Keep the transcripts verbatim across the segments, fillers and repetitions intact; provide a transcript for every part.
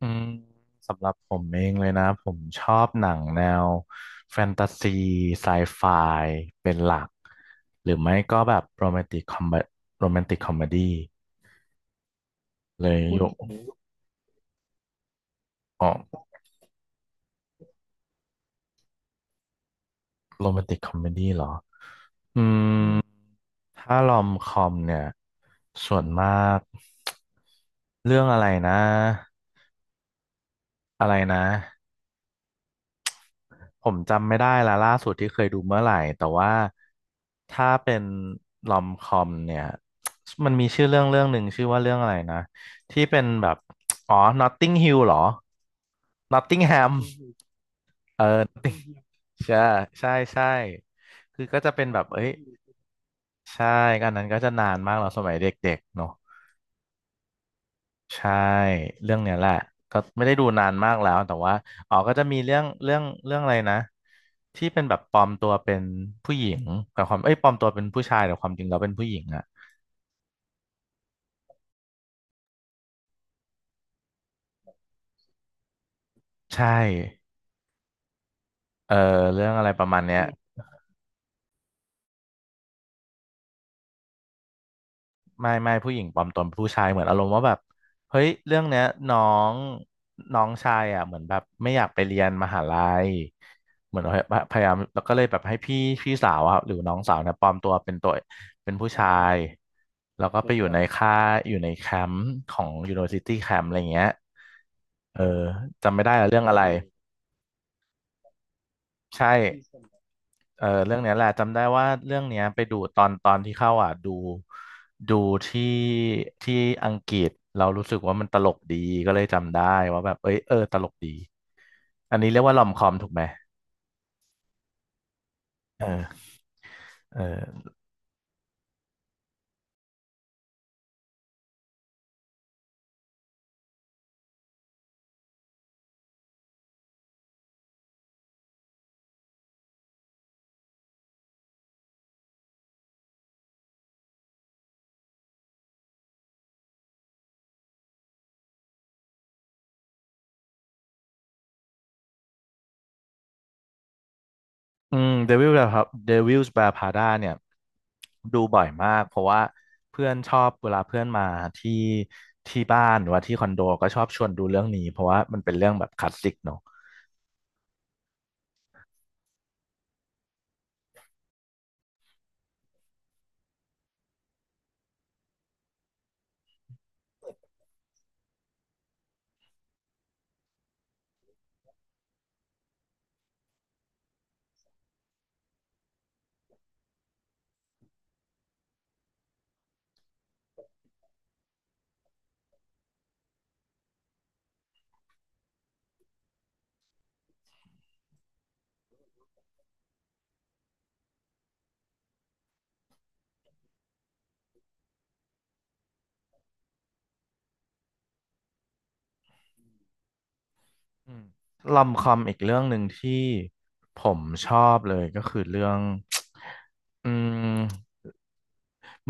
อืมสำหรับผมเองเลยนะผมชอบหนังแนวแฟนตาซีไซไฟเป็นหลักหรือไม่ก็แบบโรแมนติกคอมโรแมนติกคอมเมดี้เลยอยยกอ๋อโรแมนติกคอมเมดี้เหรออืมถ้ารอมคอมเนี่ยส่วนมากเรื่องอะไรนะอะไรนะ ผมจำไม่ได้ละล่าสุดที่เคยดูเมื่อไหร่แต่ว่าถ้าเป็นลอมคอมเนี่ย มันมีชื่อเรื่องเรื่องหนึ่งชื่อว่าเรื่องอะไรนะที่เป็นแบบอ๋อ Notting Hill เหรอ Nottingham มใช่ใช่ใช่คือก็จะเป็นแบบเอ้ยใช่อันนั้นก็จะนานมากเราสมัยเด็กๆเนาะ ใช่เรื่องเนี้ยแหละก็ไม่ได้ดูนานมากแล้วแต่ว่าอ๋อก็จะมีเรื่องเรื่องเรื่องอะไรนะที่เป็นแบบปลอมตัวเป็นผู้หญิงแต่ความเอ้ยปลอมตัวเป็นผู้ชายแต่ความจริงเราเป็นผู้หญิงอะใช่เออเรื่องอะไรประมาณเนี้ย ไม่ไม่ผู้หญิงปลอมตนผู้ชายเหมือนอารมณ์ว่าแบบเฮ้ยเรื่องเนี้ยน้องน้องชายอ่ะเหมือนแบบไม่อยากไปเรียนมหาลัยเหมือนพยายามแล้วก็เลยแบบให้พี่พี่สาวอะหรือน้องสาวเนี่ยปลอมตัวเป็นตัวเป็นผู้ชายแล้วก็ไปอยู่ในค่ายอยู่ในแคมป์ของ University Camp อะไรเงี้ยเออจำไม่ได้แล้วเรื่องอะไรใช่ เออเรื่องเนี้ยแหละจำได้ว่าเรื่องเนี้ยไปดูตอนตอนที่เข้าอ่ะดูดูที่ที่อังกฤษเรารู้สึกว่ามันตลกดีก็เลยจำได้ว่าแบบเอ้ยเออตลกดีอันนี้เรียกว่าลอมคอมถูกไหมเออเอออืมเดวิลครับเดวิลส์แวร์พาด้าเนี่ยดูบ่อยมากเพราะว่าเพื่อนชอบเวลาเพื่อนมาที่ที่บ้านหรือว่าที่คอนโดก็ชอบชวนดูเรื่องนี้เพราะว่ามันเป็นเรื่องแบบคลาสสิกเนอะ อืมลอมคอมอีกเรื่องหนึ่งที่ผมชอบเลยก็คือเรื่อง อืม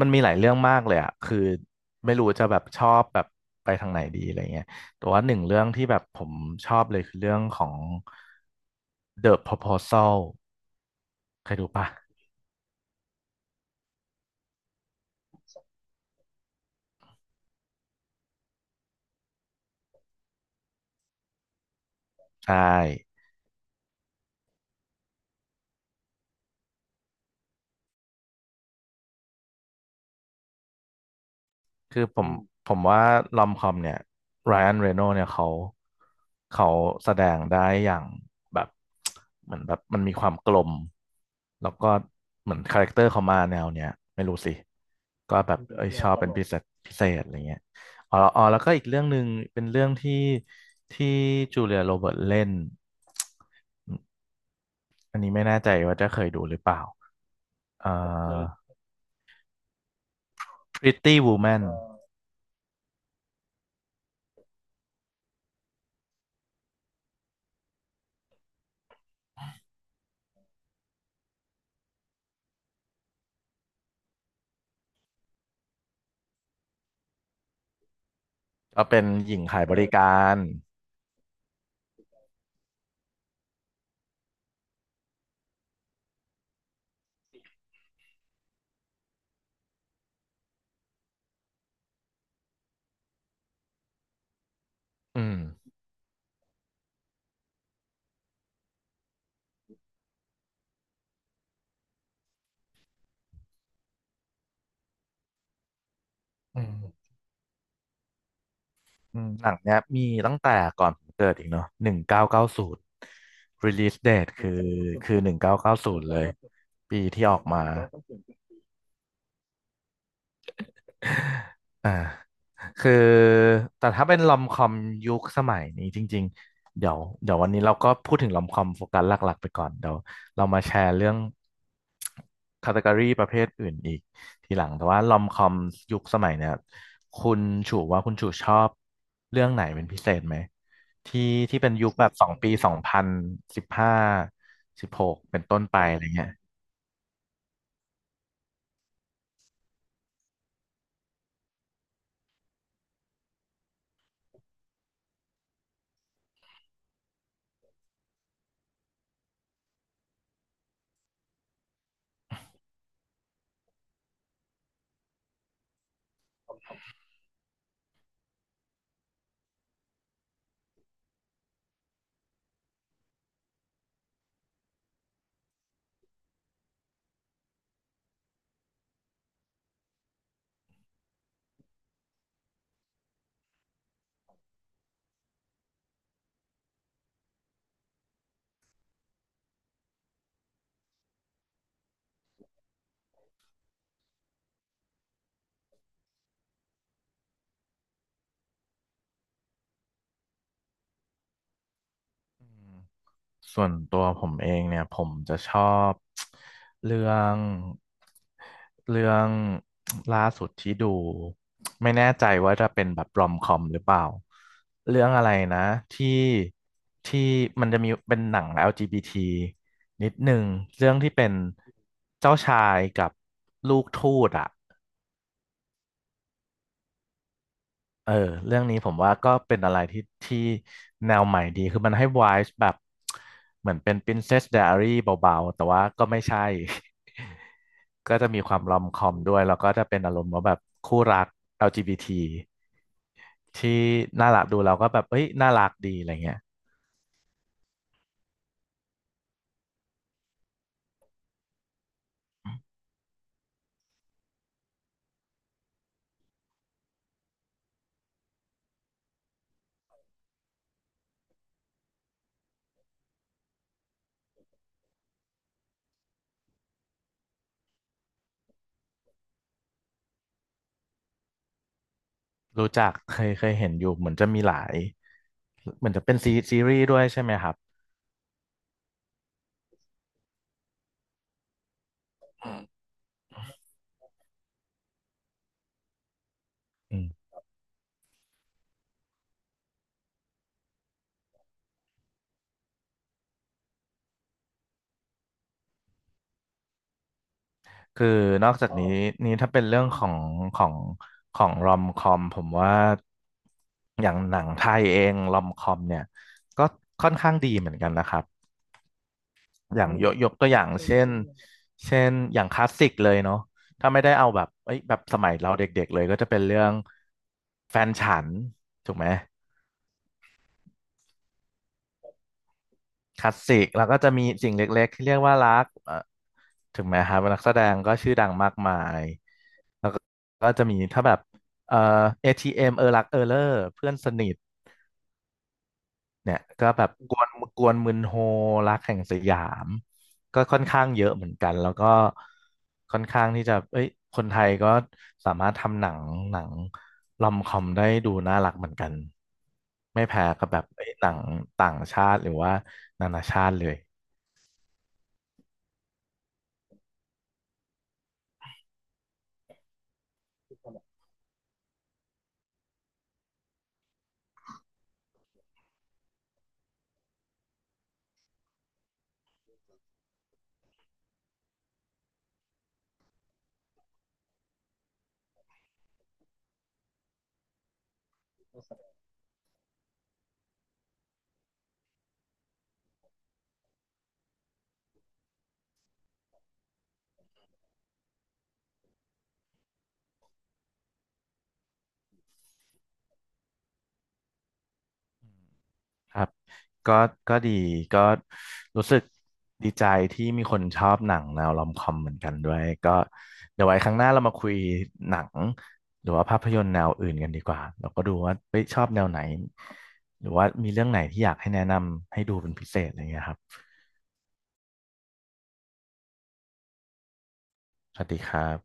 มันมีหลายเรื่องมากเลยอะคือไม่รู้จะแบบชอบแบบไปทางไหนดีอะไรเงี้ยแต่ว่าหนึ่งเรื่องที่แบบผมชอบเลยคือเรื่องของ The Proposal เคยดูปะใช่ คือผมผมว่าลอมคอมเนี่ยไรอันเรโนเนี่ยเขาเขาแสดงได้อย่างแบบเหมือนแบบมันมีความกลมแล้วก็เหมือนคาแรคเตอร์เขามาแนวเนี้ยไม่รู้สิก็แบบเอ้ยแนชวอบตเป็นลพิกเศษพิเศษอะไรเงี้ยอ๋อแล้วอ๋อแล้วก็อีกเรื่องหนึ่งเป็นเรื่องที่ที่จูเลียโรเบิร์ตเล่นอันนี้ไม่แน่ใจว่าจะเคยดูหรือเปล่าเอ่อไม่เออ Pretty Woman ก็เป็นหญิงขายบเอบริอการอืมอืม อืมหนังเนี้ยมีตั้งแต่ก่อนผมเกิดอีกเนาะหนึ่งเก้าเก้าศูนย์ release date คือ คือหนึ่งเก้าเก้าศูนย์เลยปีที่ออกมา อ่าคือแต่ถ้าเป็นลอมคอมยุคสมัยนี้จริงๆเดี๋ยวเดี๋ยววันนี้เราก็พูดถึงลอมคอมโฟกัสหลักๆไปก่อนเดี๋ยวเรามาแชร์เรื่องคาต e ก o รีประเภทอื่นอีกทีหลังแต่ว่าลอมคอมยุคสมัยเนี่ยคุณชูว่าคุณชูชอบเรื่องไหนเป็นพิเศษไหมที่ที่เป็นยุคแบบสองปีสองพันสิบห้าสิบหกเป็นต้นไปอะไรเงี้ยอืม ส่วนตัวผมเองเนี่ยผมจะชอบ เรื่องเรื่อง ล่าสุดที่ดูไม่แน่ใจว่าจะเป็นแบบรอมคอมหรือเปล่าเรื่องอะไรนะที่ที่มันจะมีเป็นหนัง แอล จี บี ที นิดหนึ่งเรื่องที่เป็นเจ้าชายกับลูกทูตอ่ะ เออเรื่องนี้ผมว่าก็เป็นอะไรที่ที่แนวใหม่ดีคือมันให้ w i v e แบบเหมือนเป็น Princess Diary เบาๆแต่ว่าก็ไม่ใช่ ก็จะมีความรอมคอมด้วยแล้วก็จะเป็นอารมณ์ว่าแบบคู่รัก แอล จี บี ที ทีที่น่ารักดูเราก็แบบเอ้ยน่ารักดีอะไรเงี้ยรู้จักเคยเคยเห็นอยู่เหมือนจะมีหลายเหมือนจะเป็นซีซีรีส์ด้วยใช่ไหมครับอืม คือนอกจากนี้นี้ถ้าเป็นเรื่องของของของรอมคอมผมว่าอย่างหนังไทยเองรอมคอมเนี่ยก็ค่อนข้างดีเหมือนกันนะครับอย่างยกยกตัวอย่างเช่นเช่นอย่างคลาสสิกเลยเนาะถ้าไม่ได้เอาแบบเอ้ยแบบสมัยเราเด็กๆเลยก็จะเป็นเรื่องแฟนฉันถูกไหม คลาสสิกแล้วก็จะมีสิ่งเล็กๆที่เรียกว่ารักเอ่อถึงแม้ครับนักแสดงก็ชื่อดังมากมายแล้วก็ก็จะมีถ้าแบบเอ่อ เอ ที เอ็ม เอมเออรักเออเลอร์เพื่อนสนิทเนี่ยก็แบบกวนกวนมึนโฮรักแห่งสยามก็ค่อนข้างเยอะเหมือนกันแล้วก็ค่อนข้างที่จะเอ้ยคนไทยก็สามารถทำหนังหนังลอมคอมได้ดูน่ารักเหมือนกันไม่แพ้กับแบบเอ้ยหนังต่างชาติหรือว่านานาชาติเลย ครับก็ก็ดีก็รู้สึกดีใจที่มีคนชอบหนังแนวรอมคอมเหมือนกันด้วยก็เดี๋ยวไว้ครั้งหน้าเรามาคุยหนังหรือว่าภาพยนตร์แนวอื่นกันดีกว่าเราก็ดูว่าเฮ้ยชอบแนวไหนหรือว่ามีเรื่องไหนที่อยากให้แนะนำให้ดูเป็นพิเศษอะไรเงี้ยครับสวัสดีครับ